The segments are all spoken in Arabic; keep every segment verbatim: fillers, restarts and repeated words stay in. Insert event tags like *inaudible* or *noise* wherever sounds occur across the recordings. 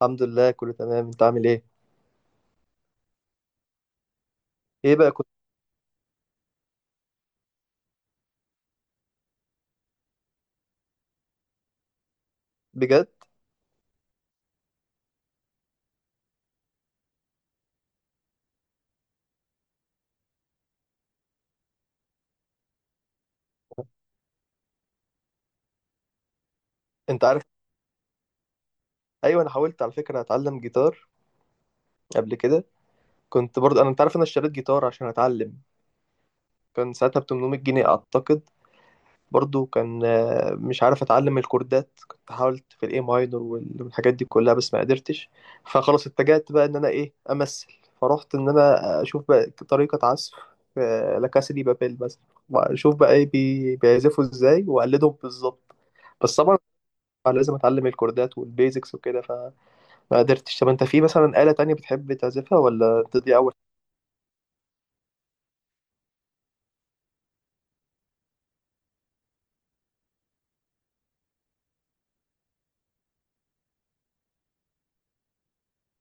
الحمد لله، كله تمام. انت عامل ايه؟ ايه بقى كنت؟ بجد. انت عارف. ايوه، انا حاولت على فكره اتعلم جيتار قبل كده. كنت برضه انا انت عارف انا اشتريت جيتار عشان اتعلم. كان ساعتها ب تمنمية جنيه اعتقد. برضه كان آه، مش عارف اتعلم الكوردات. كنت حاولت في الاي ماينور وال- والحاجات دي كلها بس ما قدرتش. فخلاص اتجهت بقى ان انا ايه امثل. فرحت ان انا اشوف بقى طريقه عزف آه، لا كاسا دي بابيل مثلا. واشوف بقى ايه بي- بيعزفوا ازاي واقلدهم بالظبط. بس طبعا فلازم اتعلم الكوردات والبيزكس وكده فما قدرتش. طب انت في مثلا آلة تانية بتحب تعزفها ولا انت دي اول؟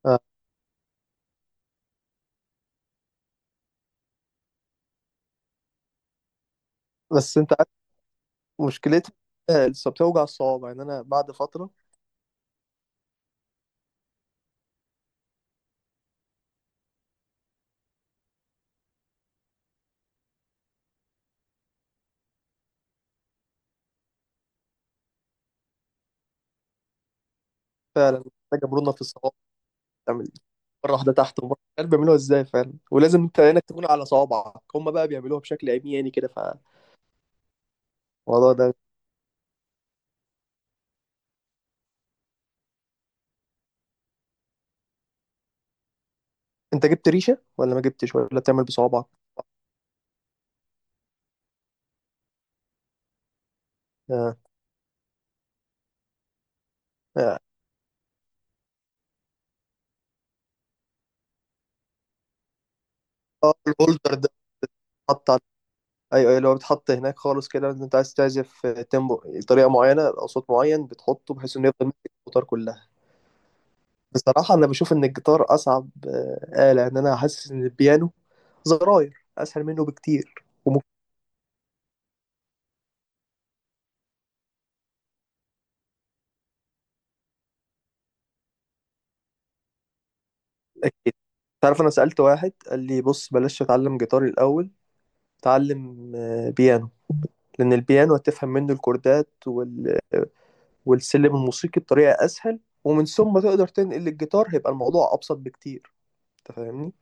آه. بس انت عارف مشكلتها، لسه بتوجع الصوابع يعني انا بعد فترة. فعلا، محتاجة مرونة في الصوابع. تعمل إيه؟ مرة واحدة تحت ومرة مش عارف بيعملوها ازاي، فعلا ولازم انت عينك تكون على صوابعك. هم بقى بيعملوها بشكل عمياني كده فالموضوع ده. انت جبت ريشة ولا ما جبتش ولا بتعمل بصوابعك؟ اه، اه، آه، الهولدر ده. حط، ايوه ايوه اللي هو بتحط هناك خالص كده. انت عايز تعزف تيمبو، طريقه معينه او صوت معين بتحطه بحيث انه يفضل ماسك الجيتار كلها. بصراحه انا بشوف ان الجيتار اصعب آه، آلة، ان انا حاسس ان البيانو زراير اسهل منه بكتير وممكن. اكيد. تعرف انا سالت واحد قال لي بص بلاش تتعلم جيتار الاول. تعلم آه، بيانو. لان البيانو هتفهم منه الكوردات وال... والسلم الموسيقي بطريقه اسهل ومن ثم تقدر تنقل الجيتار، هيبقى الموضوع ابسط بكتير. انت فاهمني.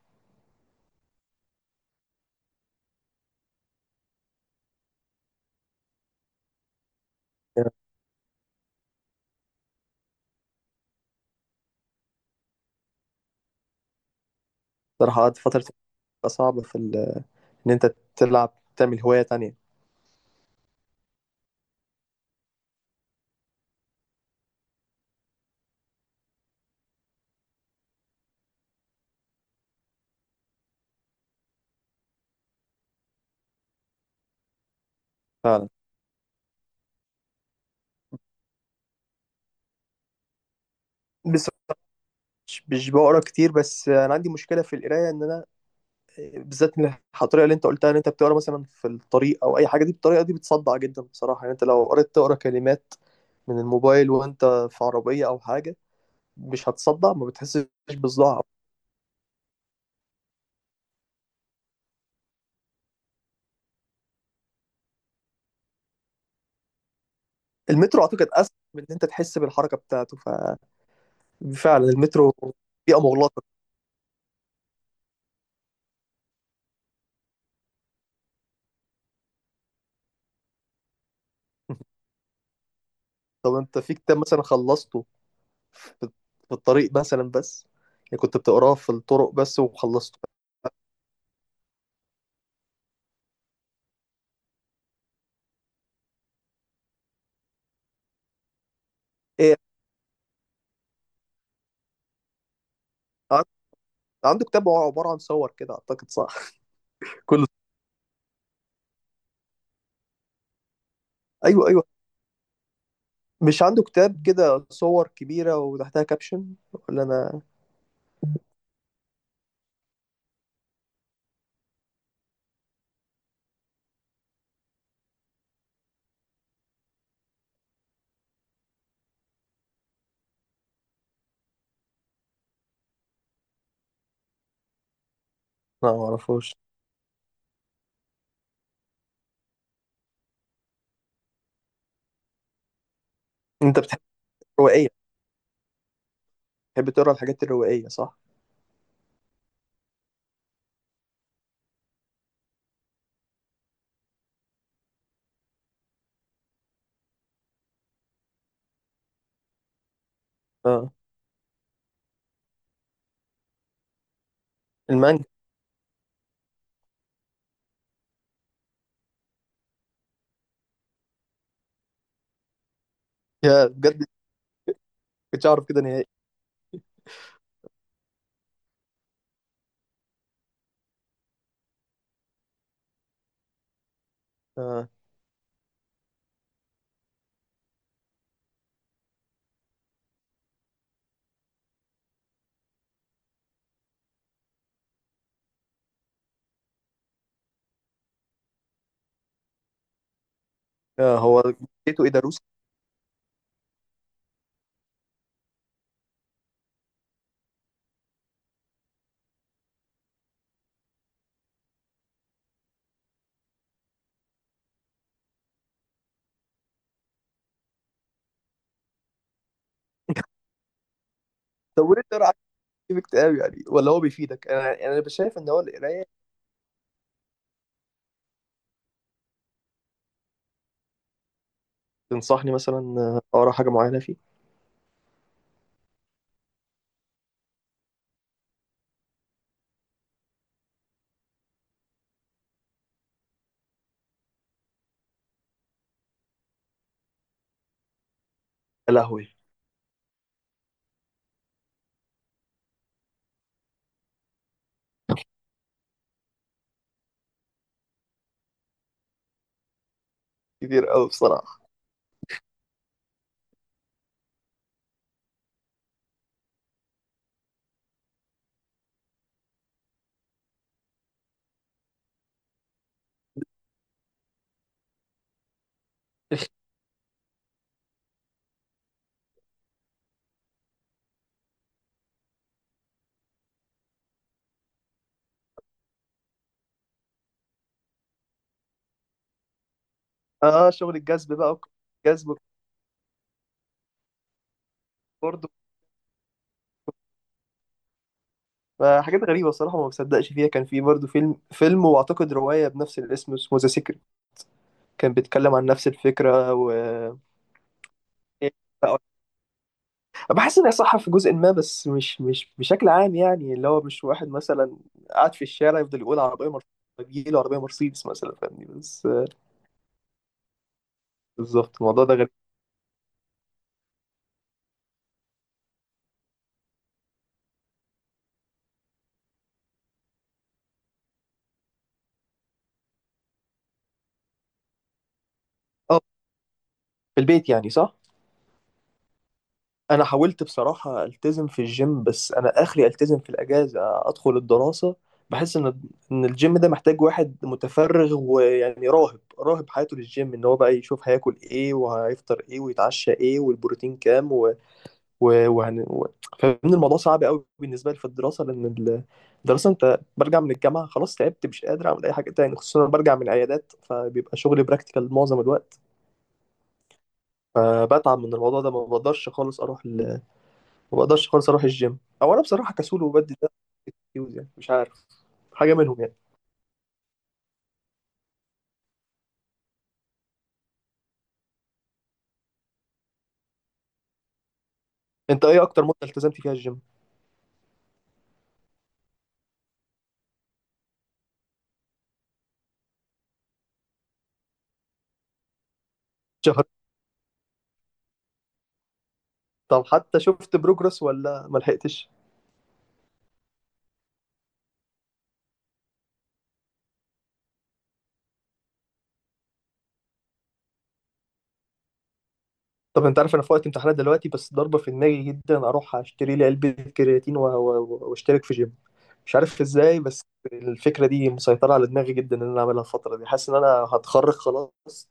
صراحة قعدت فترة بتبقى صعبة في ال... إن أنت تلعب تعمل هواية تانية. فعلا. بس مش مش بقرا كتير. بس أنا عندي مشكلة في القراية إن أنا بالذات من الطريقة اللي أنت قلتها إن أنت بتقرا مثلا في الطريق أو أي حاجة. دي الطريقة دي بتصدع جدا بصراحة. يعني أنت لو قريت تقرا كلمات من الموبايل وأنت في عربية أو حاجة، مش هتصدع؟ ما بتحسش بصداع؟ المترو أعتقد أسهل من إن أنت تحس بالحركة بتاعته. ففعلا المترو بيئة مغلقة. طب أنت في كتاب مثلا خلصته في في الطريق مثلا بس، يعني كنت بتقراه في الطرق بس وخلصته؟ ايه، عن- عنده كتاب هو عبارة عن صور كده اعتقد، صح؟ *laughs* كله، ايوه ايوه. مش عنده كتاب كده صور كبيرة وتحتها كابشن ولا انا؟ لا ما اعرفوش. انت بتحب الروائية، بتحب تقرا الحاجات الروائية، صح؟ اه، المانجا. يا بجد، كنتش اعرف كده نهائي. اه. آه، هو جيته ايه ده روسي؟ طب وليه تقرا عن كتاب كتاب يعني؟ ولا هو بيفيدك؟ انا يعني انا شايف ان هو القراية... تنصحني مثلا آه، اقرا حاجة معينة فيه؟ يا لهوي، كتير قوي بصراحه. اه شغل الجذب بقى وك- جذب برضه. فحاجات غريبه بصراحه ما بصدقش فيها. كان في برضه فيلم فيلم واعتقد روايه بنفس الاسم اسمه ذا سيكريت كان بيتكلم عن نفس الفكره و... *laughs* بحس انها صح في جزء ما بس مش مش بشكل عام. يعني اللي هو مش واحد مثلا قاعد في الشارع يفضل يقول عربيه مرسيدس يجيله عربيه مرسيدس مثلا، فاهمني؟ بس آه، بالظبط الموضوع ده غريب. اه. في البيت يعني، صح. انا حاولت بصراحة التزم في الجيم بس انا اخري التزم في الاجازة ادخل الدراسة. بحس ان ان الجيم ده محتاج واحد متفرغ ويعني راهب راهب حياته للجيم، ان هو بقى يشوف هياكل ايه وهيفطر ايه ويتعشى ايه والبروتين كام و... و... وهن... و... فاهمني؟ الموضوع صعب قوي بالنسبة لي في الدراسة لان ال- الدراسة انت برجع من الجامعة خلاص تعبت مش قادر اعمل اي حاجة تاني، خصوصا أنا برجع من عيادات فبيبقى شغلي براكتيكال معظم الوقت. فبتعب من الموضوع ده ما بقدرش خالص اروح ما بقدرش خالص اروح الجيم. او انا بصراحه كسول وبدي ده اكسكيوز يعني، مش عارف. حاجه منهم يعني. انت ايه اكتر مده التزمت فيها الجيم؟ شهر؟ طب حتى شفت بروجرس ولا ما لحقتش؟ طب انت عارف انا في وقت امتحانات دلوقتي بس ضربه في دماغي جدا اروح اشتري لي علبه كرياتين و- و- واشترك في جيم. مش عارف ازاي بس الفكره دي مسيطره على دماغي جدا ان انا اعملها الفتره دي. حاسس ان انا هتخرج خلاص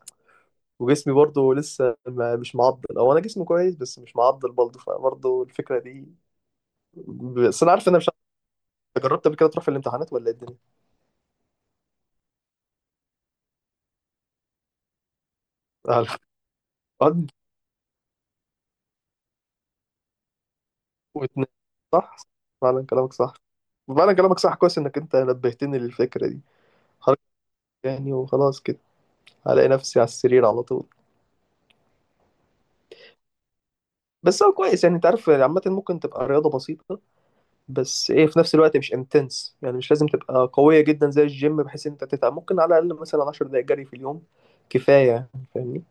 وجسمي برضو لسه ما مش معضل، او انا جسمي كويس بس مش معضل برضو فبرضو الفكره دي. بس انا عارف ان انا مش... أنت جربت قبل كده تروح في الامتحانات ولا إيه الدنيا؟ *laughs* على قد واتنين، صح؟ فعلا كلامك صح. فعلا كلامك صح، كويس إنك أنت نبهتني للفكرة دي. حركة يعني، وخلاص كده هلاقي نفسي على السرير على طول. بس هو كويس يعني، أنت عارف عامة ممكن تبقى رياضة بسيطة بس إيه في نفس الوقت مش انتنس، يعني مش لازم تبقى قوية جدا زي الجيم بحيث إن أنت تتعب. ممكن على الأقل مثلا عشر دقايق جري في اليوم كفاية يعني. فاهمني؟